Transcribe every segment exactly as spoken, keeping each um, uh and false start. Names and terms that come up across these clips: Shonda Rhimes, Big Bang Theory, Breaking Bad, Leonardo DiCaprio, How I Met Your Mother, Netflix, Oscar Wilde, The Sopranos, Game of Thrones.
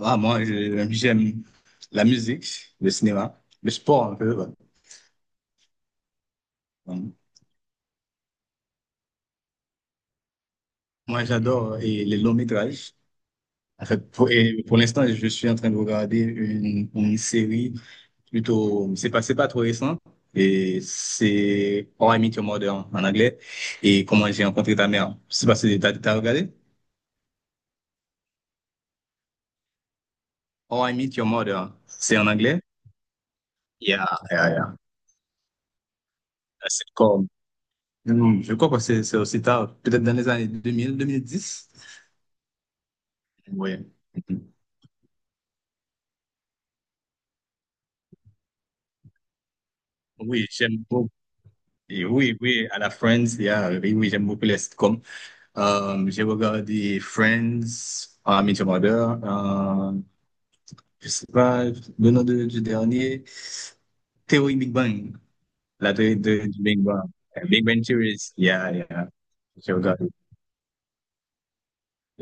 Ah, moi, je- j'aime la musique, le cinéma, le sport un peu. Ouais. Donc, moi, j'adore euh, et les longs métrages. En fait, pour, et pour l'instant, je suis en train de regarder une, une série plutôt. C'est pas, c'est pas trop récent. Et c'est How I Met Your Mother en, en anglais et Comment j'ai rencontré ta mère. Je sais pas si t'as, t'as regardé. How I Met Your Mother, c'est en anglais. Yeah, yeah, yeah. C'est comme. Je crois que c'est c'est aussi tard, peut-être dans les années deux deux mille deux mille dix. Ouais. Oui, j'aime beaucoup. Et oui, oui, à la Friends, il y a- oui, oui, j'aime beaucoup les sitcoms. Euh, j'ai regardé Friends, How I Met Your Mother, euh, je sais pas, le nom de- du dernier, Théorie Big Bang, la théorie de, du Big Bang. Euh, Big Bang Theories, yeah, yeah, j'ai regardé.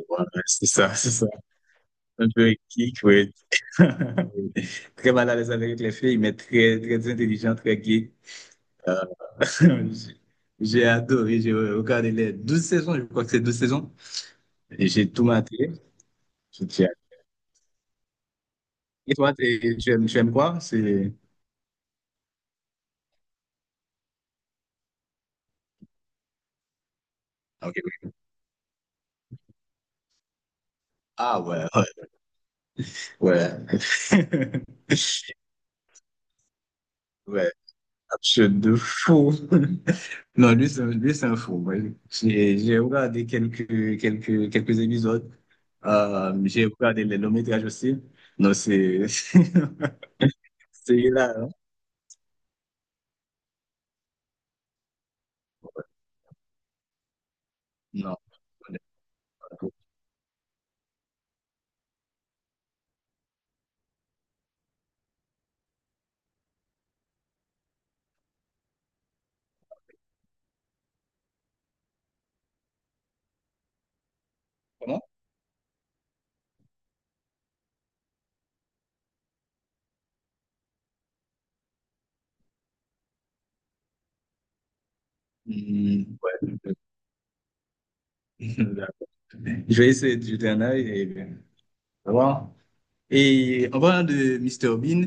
Voilà, c'est ça, c'est ça. Un peu geek, oui. Très mal à l'aise avec les filles, mais très, très intelligent, très geek. Euh, J'ai j'ai adoré, j'ai regardé les douze saisons, je crois que c'est douze saisons, et j'ai tout maté. Je t'y ai- Et toi, t'es- tu aimes, tu aimes quoi? C'est... Ah, ok, oui. Ah, ouais, ouais. Ouais, ouais, absurde de fou. Non, lui, c'est un lui, c'est un fou. Ouais. J'ai j'ai regardé quelques, quelques, quelques épisodes. Euh, j'ai regardé les longs métrages aussi. Non, c'est... C'est là, hein. Non, on n'est pas d'accord. Comment? Hmm, ouais. Je vais essayer de jeter un œil et euh, voir. Et en parlant de Mister Bean,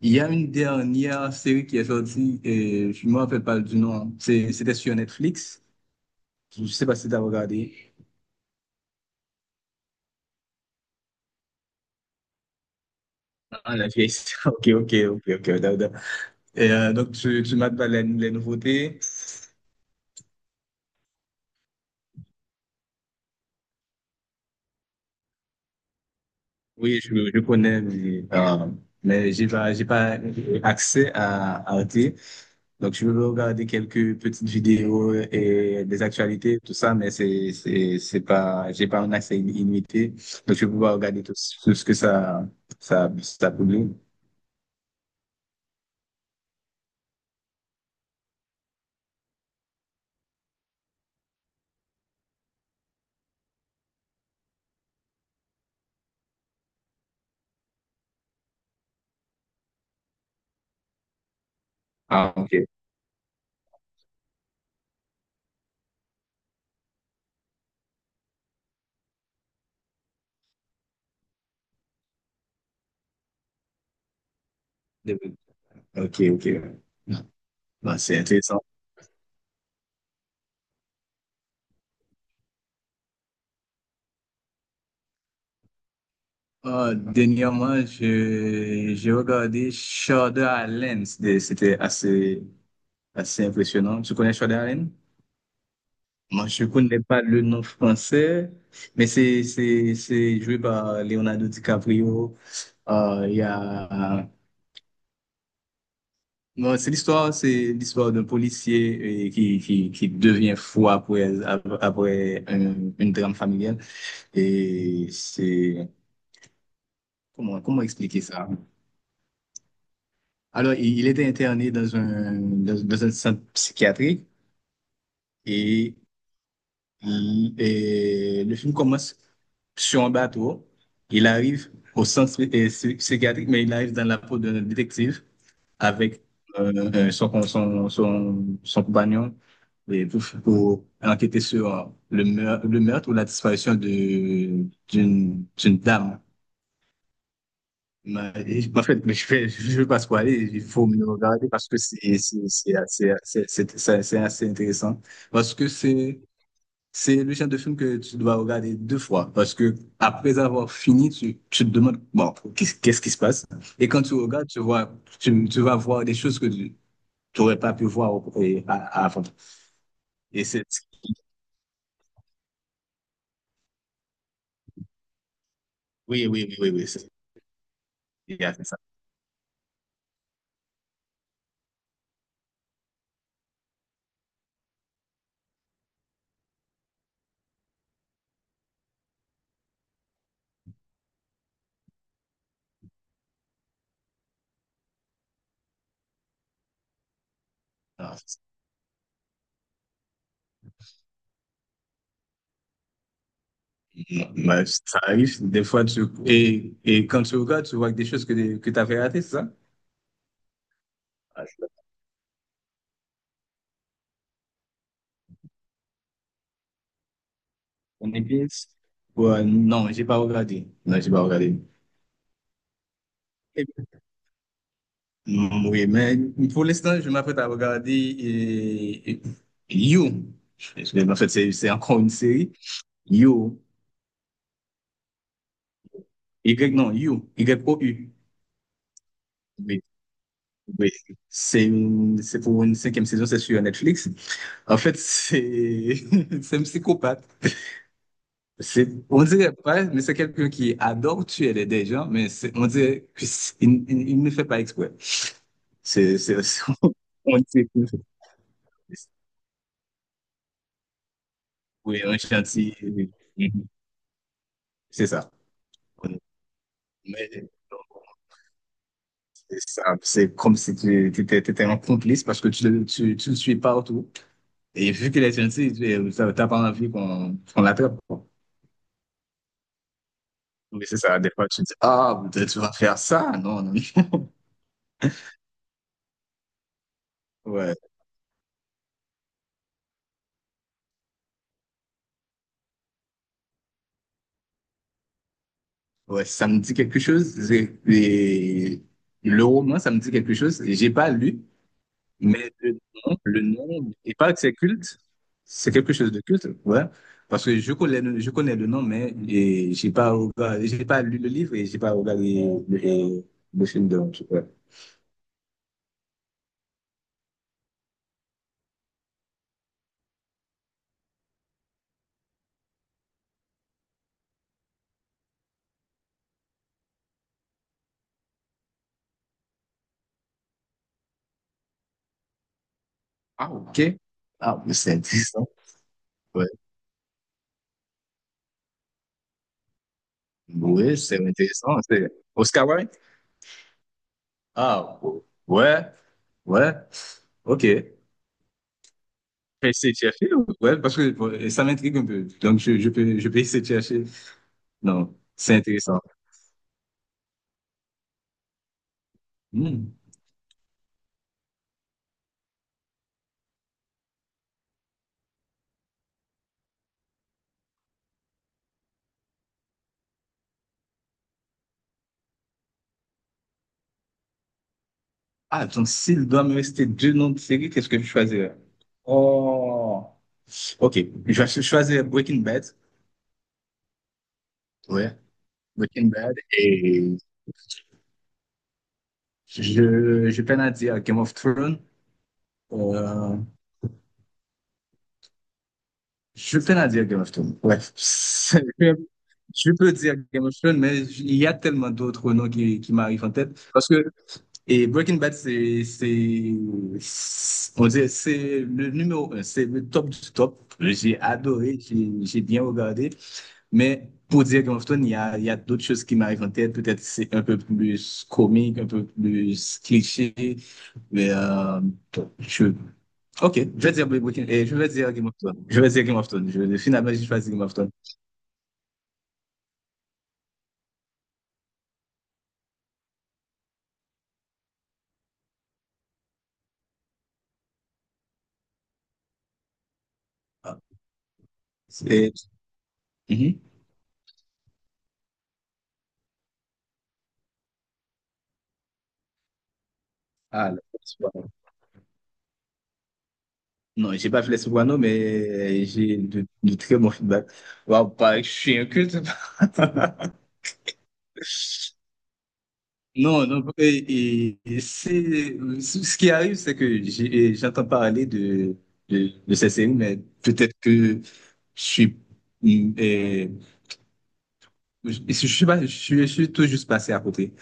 il y a une dernière série qui est sortie, et je ne me rappelle pas du nom. C'est- C'était sur Netflix. Je ne sais pas si tu as regardé. Ah, la vieille série. Ok, ok, ok, ok, d'accord. Et, euh, donc, tu, tu m'as parlé les nouveautés. Oui, je, je connais, mais, euh, mais j'ai pas, j'ai pas accès à à Arte. Donc, je veux regarder quelques petites vidéos et des actualités, tout ça, mais c'est, c'est, c'est pas, j'ai pas un accès illimité. Donc, je vais pouvoir regarder tout, ce tout ce que ça, ça, ça publie. Ah, ok. Ok, ok. Bah, c'est intéressant. Euh, dernièrement, je, j'ai regardé Shonda Rhimes. C'était assez, assez impressionnant. Tu connais Shonda Rhimes? Moi, je connais pas le nom français, mais c'est c'est c'est joué par Leonardo DiCaprio. Euh, Il y a bon, c'est l'histoire c'est l'histoire d'un policier euh, qui qui qui devient fou après après un- une drame familiale et c'est comment comment expliquer ça? Alors, il, il était interné dans un dans, dans un centre psychiatrique et. Mhm. Et le film commence sur un bateau. Il arrive au centre euh, psy- psychiatrique, mais il arrive dans la peau d'un détective avec euh, euh, son, con- son, son, son compagnon et pour, pour enquêter sur euh, le meurtre, le meurtre ou la disparition de, d'une, d'une dame. Mais, en fait, mais je vais, je vais pas spoiler, il faut me regarder parce que c'est c'est- c'est assez, c'est c'est- c'est- c'est assez intéressant. Parce que c'est c'est le genre de film que tu dois regarder deux fois parce que après avoir fini, tu, tu te demandes, bon, qu'est-ce qu'est-ce qui se passe? Et quand tu regardes, tu vois, tu, tu vas voir des choses que tu n'aurais pas pu voir au- et- à- avant. Et c'est, oui, oui, oui, oui, oui, c'est il c'est ça. Ah, c'est- bah, ça arrive, des fois, tu, et, et quand tu regardes, tu vois des choses que, que tu avais ratées, c'est ça? Ah, je- On est bien. Ouais, non, j'ai pas regardé. Non, j'ai pas regardé. Mm, Oui, mais pour l'instant, je m'apprête à regarder et, et- You. Parce que, en fait, c'est c'est encore une série. You. Y, non, You. Y-O-U. Oui, oui. C'est une- c'est pour une cinquième saison, c'est sur Netflix. En fait, c'est c'est un psychopathe. C'est, on dirait pas, mais c'est quelqu'un qui adore tuer les des gens, mais c'est- on dirait qu'il il- il ne fait pas exprès. C'est, c'est, on dirait que- oui, un chantier. Mhm. C'est ça. Mais c'est ça, c'est comme si tu étais, étais un complice parce que tu, le- tu, tu le suis partout. Et vu qu'il est gentil, tu n'as pas envie qu'on qu'on l'attrape, quoi. Oui, c'est ça. Des fois, tu dis, ah, peut-être tu vas faire ça. Non, non. Ouais, ouais, ça me dit quelque chose. J'ai- et Le roman, ça me dit quelque chose. J'ai pas lu. Mais le nom, le nom, il paraît que c'est culte. C'est quelque chose de culte, ouais. Parce que je connais, le- je connais le nom, mais et j'ai pas regardé- j'ai pas lu le livre et j'ai pas regardé le, le film de ouais. Ah, ok. Ah, mais c'est intéressant. Ouais. Oui, c'est intéressant. C'est Oscar Wilde? Ah, ouais, ouais, ok. Je vais essayer de chercher, ouais, parce que bon, ça m'intrigue un peu. Donc, je, je peux, je peux essayer de chercher. Non, c'est intéressant. Hmm. Ah, donc s'il doit me rester deux noms de série, qu'est-ce que je choisirais? Oh, ok. Je vais cho- choisir Breaking Bad. Ouais, Breaking Bad. Et je, je peine à dire Game of Thrones. Euh, je peine à dire Game of Thrones. Ouais. C'est- Je peux dire Game of Thrones, mais il y a tellement d'autres noms qui, qui m'arrivent en tête. Parce que. Et Breaking Bad, c'est, c'est, on dirait, c'est le numéro un, c'est le top du top. J'ai adoré, j'ai j'ai bien regardé. Mais pour dire Game of Thrones, il y a, il y a d'autres choses qui m'arrivent en tête. Peut-être c'est un peu plus comique, un peu plus cliché. Mais euh, je... Ok, je vais dire Breaking- eh, je vais dire Game of Thrones. Je vais dire Game of Thrones. Je- finalement, j'ai choisi Game of Thrones. Ah, c'est- Mhm. Ah, là, c'est bon. Non, j'ai pas fait les sopranos, mais j'ai de, de très bons feedbacks. Waouh, pareil, je suis un culte. Non, non, et, et- c'est, ce qui arrive, c'est que j'ai- j'entends parler de, de, de ces séries, mais peut-être que je suis, mm, et je, je suis pas, je suis, je suis tout juste passé à côté.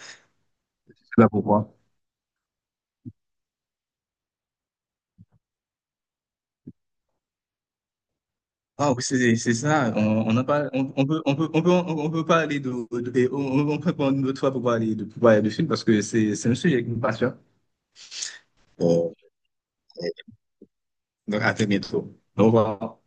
Je sais pas pourquoi. Ah oui, c'est c'est ça. On, on en parle, on, on peut, on peut, on peut, on peut parler de, de- et on, on peut prendre une autre fois pour parler de, pour parler de films parce que c'est c'est un sujet qui me passionne. Bon, donc à très bientôt. Au revoir.